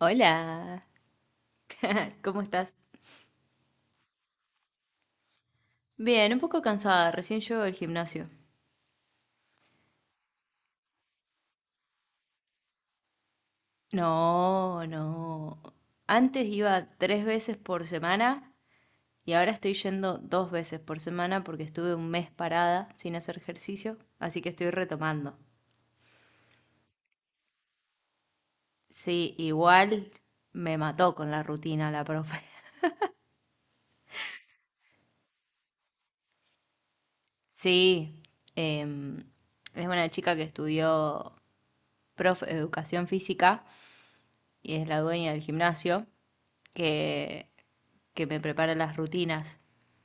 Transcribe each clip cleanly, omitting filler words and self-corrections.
Hola, ¿cómo estás? Bien, un poco cansada, recién llego del gimnasio. No, no. Antes iba tres veces por semana y ahora estoy yendo dos veces por semana porque estuve un mes parada sin hacer ejercicio, así que estoy retomando. Sí, igual me mató con la rutina la profe. Sí, em, es una chica que estudió profe, educación física y es la dueña del gimnasio. que, que me prepara las rutinas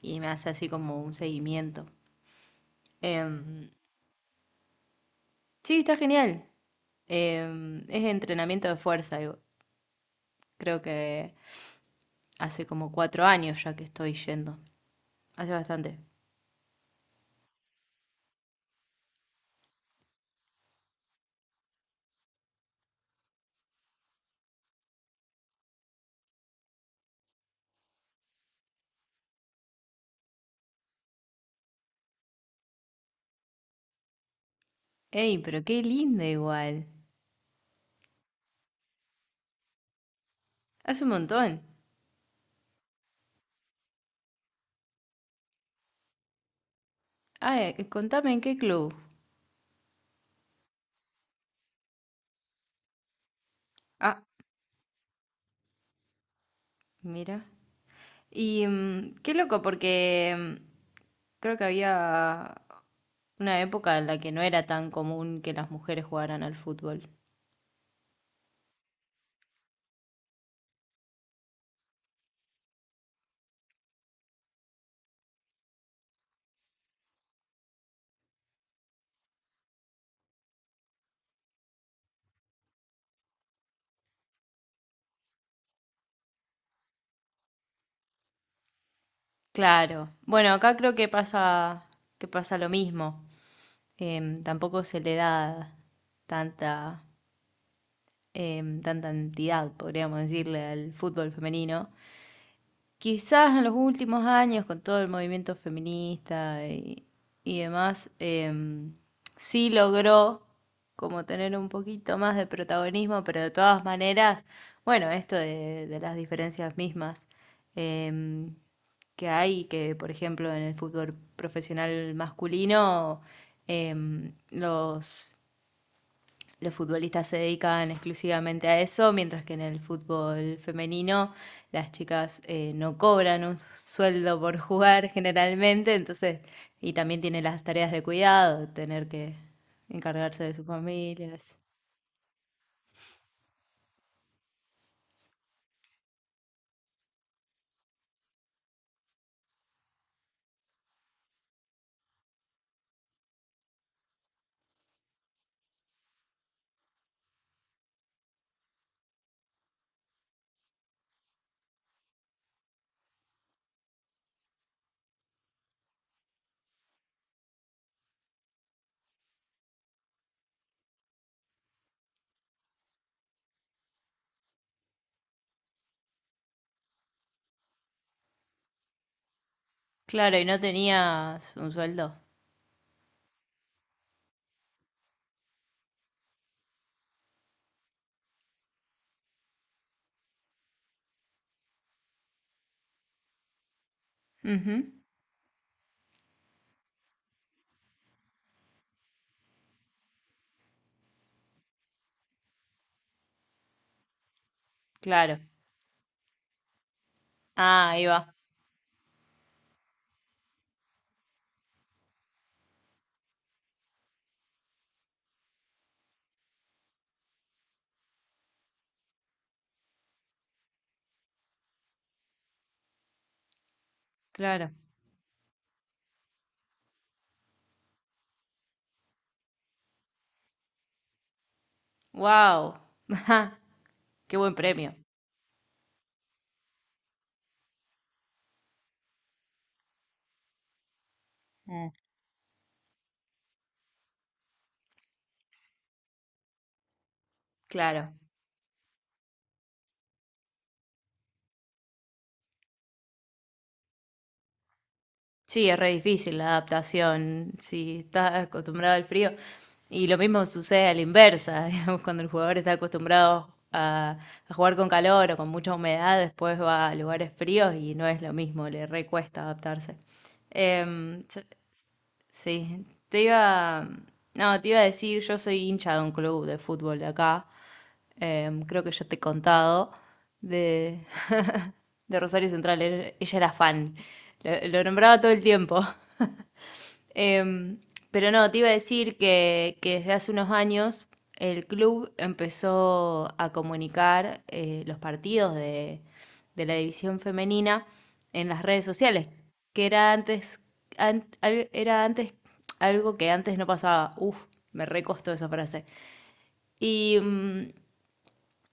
y me hace así como un seguimiento. Em, sí, está genial. Es entrenamiento de fuerza y creo que hace como 4 años ya que estoy yendo. Hace bastante. Ey, pero qué lindo igual. Hace un montón. Ah, contame en qué club. Ah, mira. Y qué loco, porque creo que había una época en la que no era tan común que las mujeres jugaran al fútbol. Claro. Bueno, acá creo que pasa lo mismo. Tampoco se le da tanta, tanta entidad, podríamos decirle, al fútbol femenino. Quizás en los últimos años, con todo el movimiento feminista y demás, sí logró como tener un poquito más de protagonismo, pero de todas maneras, bueno, esto de las diferencias mismas em, que hay, que por ejemplo en el fútbol profesional masculino, em, los los futbolistas se dedican exclusivamente a eso, mientras que en el fútbol femenino las chicas no cobran un sueldo por jugar generalmente, entonces, y también tienen las tareas de cuidado, tener que encargarse de sus familias. Claro, y no tenías un sueldo. Ujú, claro. Ah, ahí va. Claro. Wow. Qué buen premio. Mm. Claro. Sí, es re difícil la adaptación si estás acostumbrado al frío. Y lo mismo sucede a la inversa, digamos, cuando el jugador está acostumbrado a jugar con calor o con mucha humedad, después va a lugares fríos y no es lo mismo, le recuesta adaptarse. Em, Sí, te iba, no, te iba a decir, yo soy hincha de un club de fútbol de acá, creo que yo te he contado, de, de Rosario Central, ella era fan, lo nombraba todo el tiempo. Em, pero no, te iba a decir que desde hace unos años el club empezó a comunicar los partidos de la división femenina en las redes sociales que era antes algo que antes no pasaba. Uf, me recostó esa frase. Y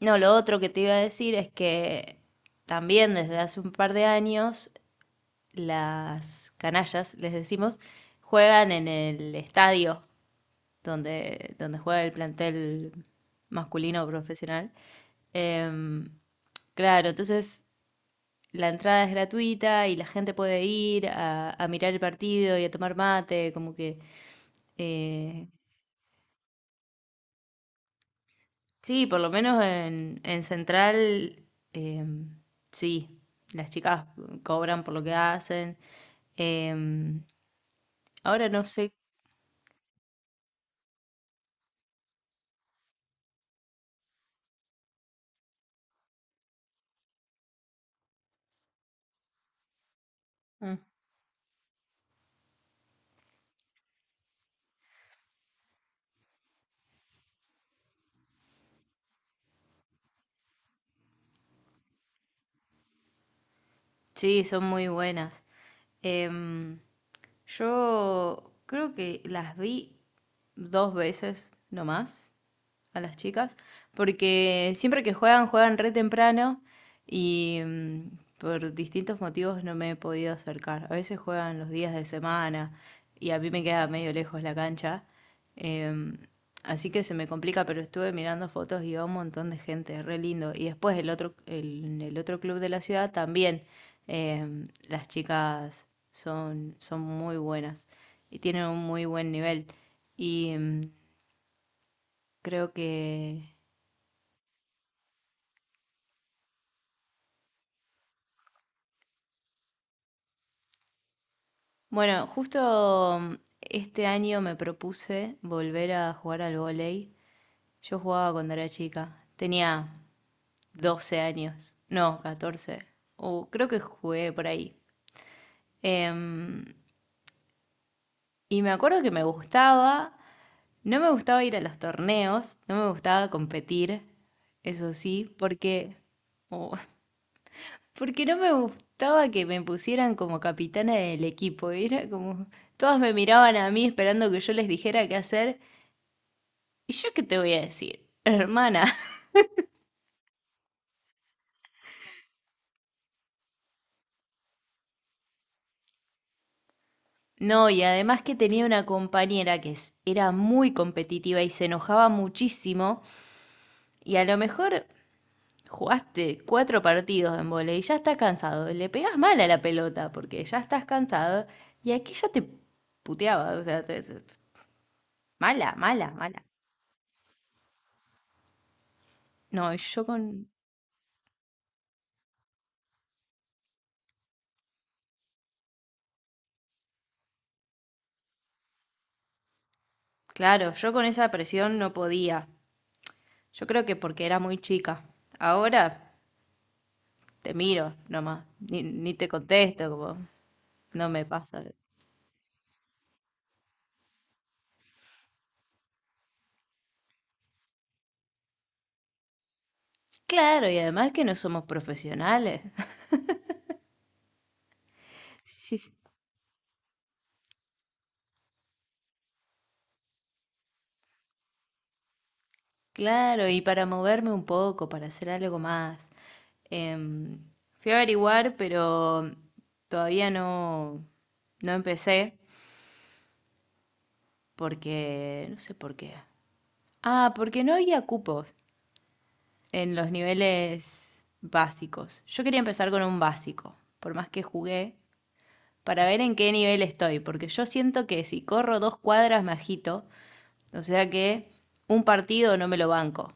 no, lo otro que te iba a decir es que también desde hace un par de años las canallas, les decimos, juegan en el estadio donde juega el plantel masculino profesional. Em, claro, entonces la entrada es gratuita y la gente puede ir a mirar el partido y a tomar mate, como que... eh, sí, por lo menos en Central, eh, sí, las chicas cobran por lo que hacen. Em, ahora no sé, mm, sí, son muy buenas. Em, yo creo que las vi dos veces nomás a las chicas, porque siempre que juegan, juegan re temprano y por distintos motivos no me he podido acercar. A veces juegan los días de semana y a mí me queda medio lejos la cancha, em, así que se me complica, pero estuve mirando fotos y va un montón de gente, re lindo. Y después el otro, el otro club de la ciudad también, las chicas son muy buenas y tienen un muy buen nivel. Y creo que bueno, justo este año me propuse volver a jugar al vóley. Yo jugaba cuando era chica. Tenía 12 años. No, 14, o creo que jugué por ahí. Em, y me acuerdo que me gustaba. No me gustaba ir a los torneos. No me gustaba competir. Eso sí, porque... oh, porque no me gustaba que me pusieran como capitana del equipo. Era como... Todas me miraban a mí esperando que yo les dijera qué hacer. ¿Y yo qué te voy a decir? Hermana. No, y además que tenía una compañera que era muy competitiva y se enojaba muchísimo. Y a lo mejor jugaste cuatro partidos en vóley y ya estás cansado. Le pegás mal a la pelota porque ya estás cansado. Y aquí ya te puteaba. O sea, mala, mala, mala. No, y yo con. Claro, yo con esa presión no podía. Yo creo que porque era muy chica. Ahora te miro nomás. Ni te contesto, como. No me pasa. Claro, y además que no somos profesionales. Sí, sí. Claro, y para moverme un poco, para hacer algo más. em, fui a averiguar, pero todavía no, no empecé porque, no sé por qué. Ah, porque no había cupos en los niveles básicos. Yo quería empezar con un básico, por más que jugué, para ver en qué nivel estoy, porque yo siento que si corro 2 cuadras me agito. O sea que un partido no me lo banco.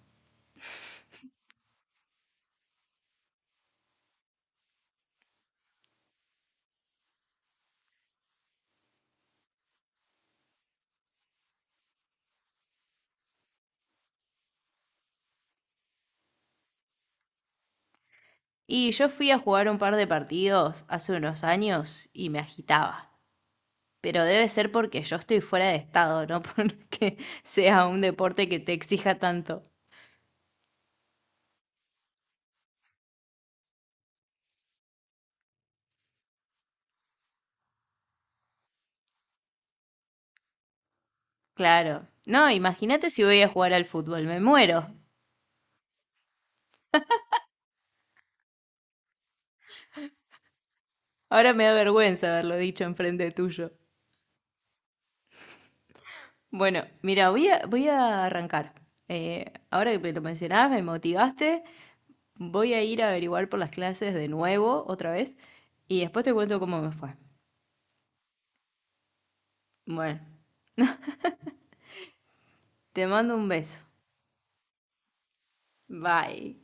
Y yo fui a jugar un par de partidos hace unos años y me agitaba. Pero debe ser porque yo estoy fuera de estado, no porque sea un deporte que te exija tanto. Claro. No, imagínate si voy a jugar al fútbol, me muero. Ahora me da vergüenza haberlo dicho enfrente tuyo. Bueno, mira, voy a arrancar. Ahora que me lo mencionabas, me motivaste. Voy a ir a averiguar por las clases de nuevo, otra vez, y después te cuento cómo me fue. Bueno, te mando un beso. Bye.